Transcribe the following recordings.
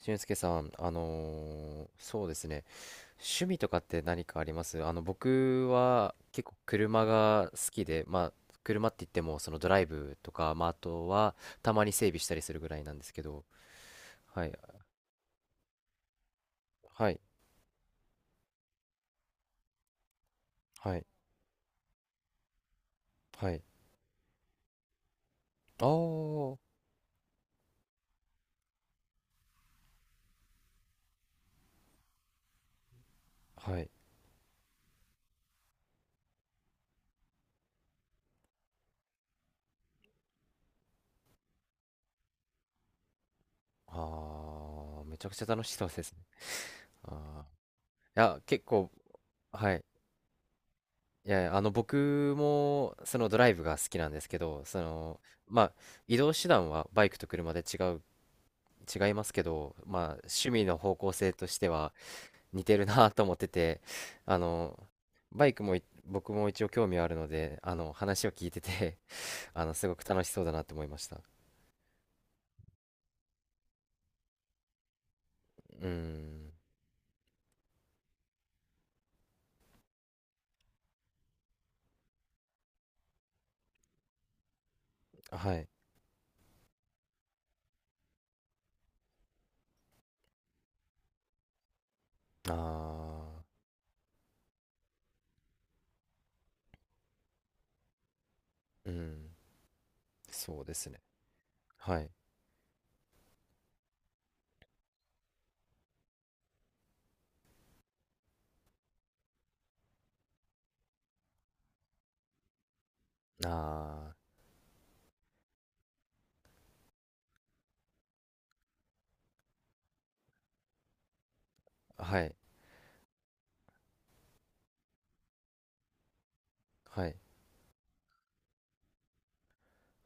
俊介さん、そうですね、趣味とかって何かあります僕は結構車が好きで、まあ、車って言っても、そのドライブとか、まあ、あとは、たまに整備したりするぐらいなんですけど、はい、はい、はい、はい。ああ、はい。ああ、めちゃくちゃ楽しそうですね。ああ、いや、結構、はい。いやいや、あの、僕も、そのドライブが好きなんですけど、その、まあ、移動手段はバイクと車で違いますけど、まあ、趣味の方向性としては似てるなと思ってて、あの、バイクもい僕も一応興味はあるので、あの、話を聞いてて あの、すごく楽しそうだなと思いました。うん、はい。あー、うん、そうですね。はい。あー、はい、はい。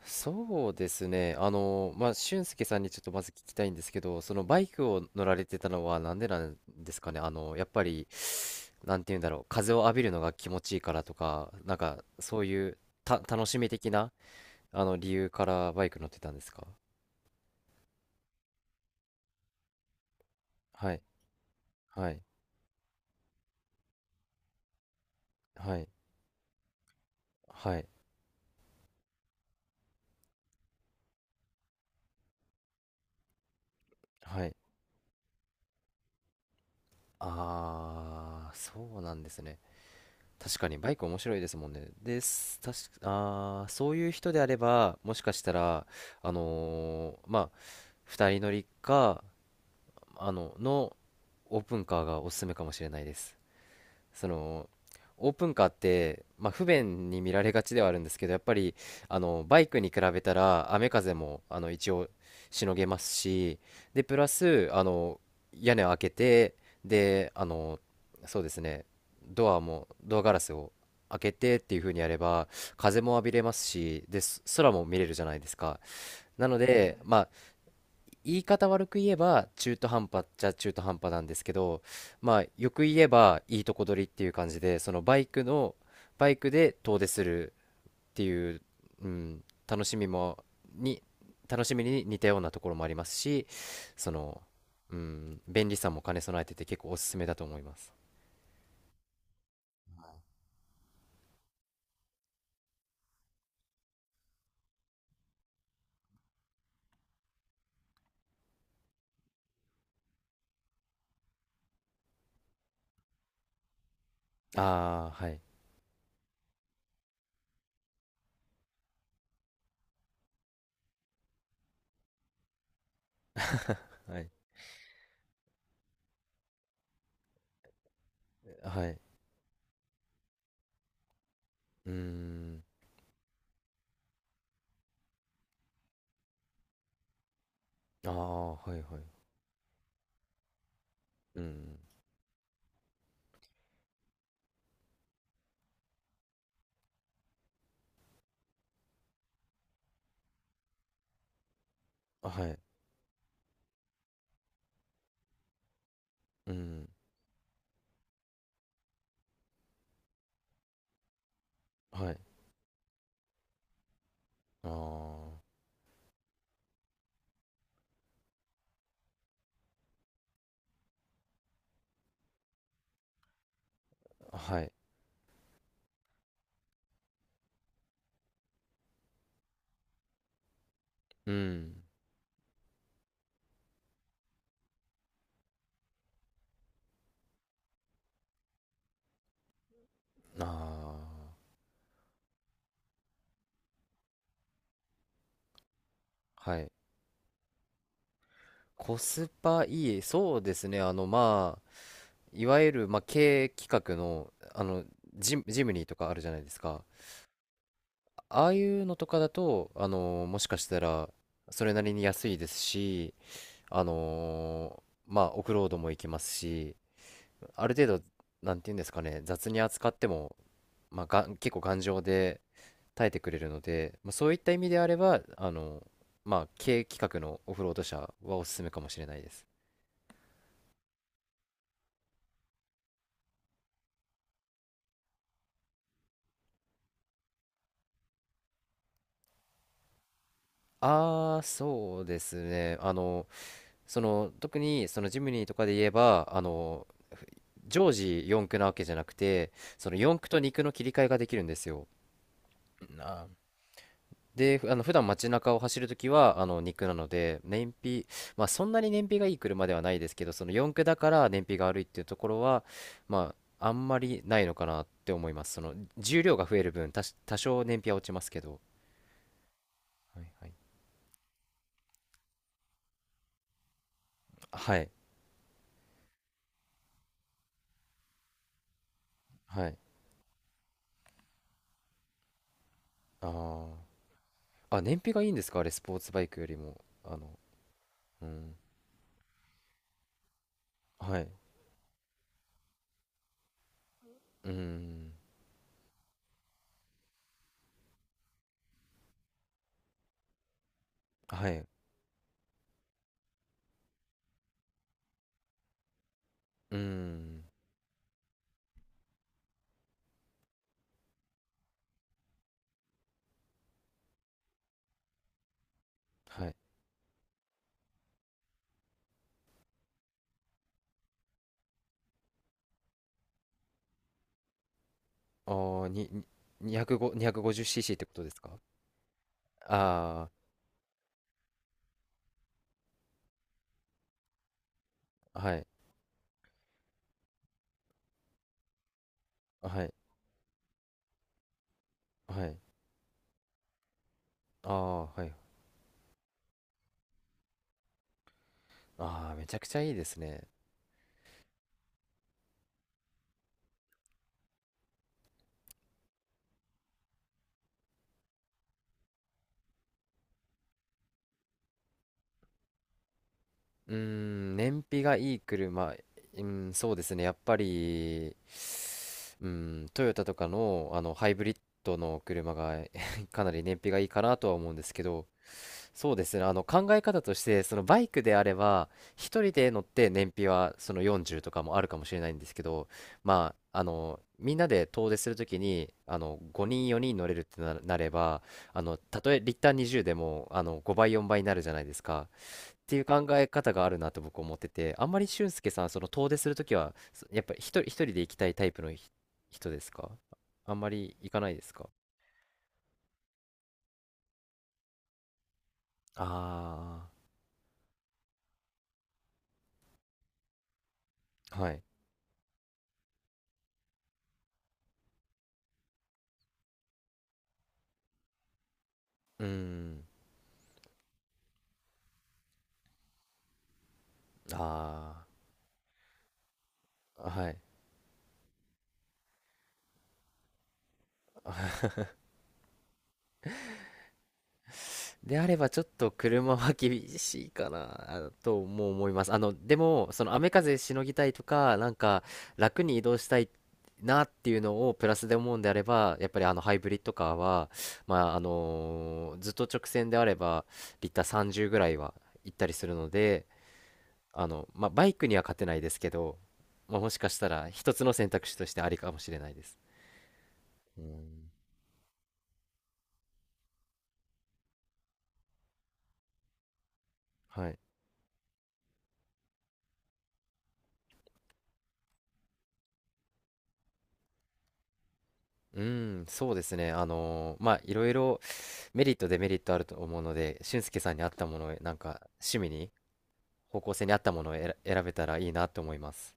そうですね。あの、まあ、俊介さんにちょっとまず聞きたいんですけど、そのバイクを乗られてたのはなんでなんですかね。あの、やっぱりなんて言うんだろう、風を浴びるのが気持ちいいからとか、なんかそういう楽しみ的なあの理由からバイク乗ってたんですか？はい、はい、はい、はい、はい。ああー、そうなんですね。確かにバイク面白いですもんね。です、確か、あー、そういう人であれば、もしかしたら、まあ、二人乗りか、あの、のオープンカーがおすすめかもしれないです。そのオープンカーって、まあ、不便に見られがちではあるんですけど、やっぱりあのバイクに比べたら雨風もあの一応しのげますし、でプラスあの屋根を開けて、であのそうですね、ドアガラスを開けてっていう風にやれば風も浴びれますし、で空も見れるじゃないですか。なので、まあ、言い方悪く言えば中途半端っちゃ中途半端なんですけど、まあ、よく言えばいいとこ取りっていう感じで、バイクで遠出するっていう、うん、に、楽しみに似たようなところもありますし、その、うん、便利さも兼ね備えてて結構おすすめだと思います。ああ、はい はい。はい。うーん。ああ、はいはい。うん。はい。うん。はい。ああ、はい。うん。ああ、はい。コスパいい。そうですね。あの、まあ、いわゆる、まあ、経営企画の、あの、ジムニーとかあるじゃないですか。ああいうのとかだと、あの、もしかしたら、それなりに安いですし、あの、まあ、オフロードも行けますし、ある程度、なんていうんですかね、雑に扱っても、結構頑丈で耐えてくれるので、まあ、そういった意味であれば、あの、まあ、軽規格のオフロード車はおすすめかもしれないです。ああ、そうですね。あの、その、特に、そのジムニーとかで言えば、あの、常時四駆なわけじゃなくて、その四駆と二駆の切り替えができるんですよ。あー、で、あの、普段街中を走るときは、あの、二駆なので、燃費、まあ、そんなに燃費がいい車ではないですけど、その四駆だから燃費が悪いっていうところは、まあ、あんまりないのかなって思います。その、重量が増える分、多少燃費は落ちますけど。はいはい。はい。はい。ああ。あ、燃費がいいんですかあれ、スポーツバイクよりも。あの、うん。はい。うん。はい。うん。はい。ああ、に、に、205、250cc ってことですか？ああー、はい。はい。はい。ああ、はい。ああ、めちゃくちゃいいですね。うーん、燃費がいい車、うん、そうですね、やっぱり、うん、トヨタとかの、ハイブリッドの車が かなり燃費がいいかなとは思うんですけど、そうですね、あの考え方として、そのバイクであれば、一人で乗って燃費はその40とかもあるかもしれないんですけど、まあ、あの、みんなで遠出するときに、あの、5人、4人乗れるってなれば、あの、たとえリッター20でも、あの、5倍、4倍になるじゃないですか。っていう考え方があるなと僕思ってて、あんまり俊介さん、その遠出するときは、やっぱり一人で行きたいタイプの人ですか？あんまり行かないですか？ああー、はい。うーん、ああ、はい。であればちょっと車は厳しいかなあとも思います。あの、でも、その雨風しのぎたいとか、なんか楽に移動したいなっていうのをプラスで思うんであれば、やっぱりあのハイブリッドカーは、まあ、あのずっと直線であれば、リッター30ぐらいは行ったりするので、あの、まあ、バイクには勝てないですけど、まあ、もしかしたら一つの選択肢としてありかもしれないです。うん、はい。うん、そうですね。まあ、いろいろメリット、デメリットあると思うので、俊介さんに合ったものを、なんか、趣味に、方向性に合ったものを選べたらいいなと思います。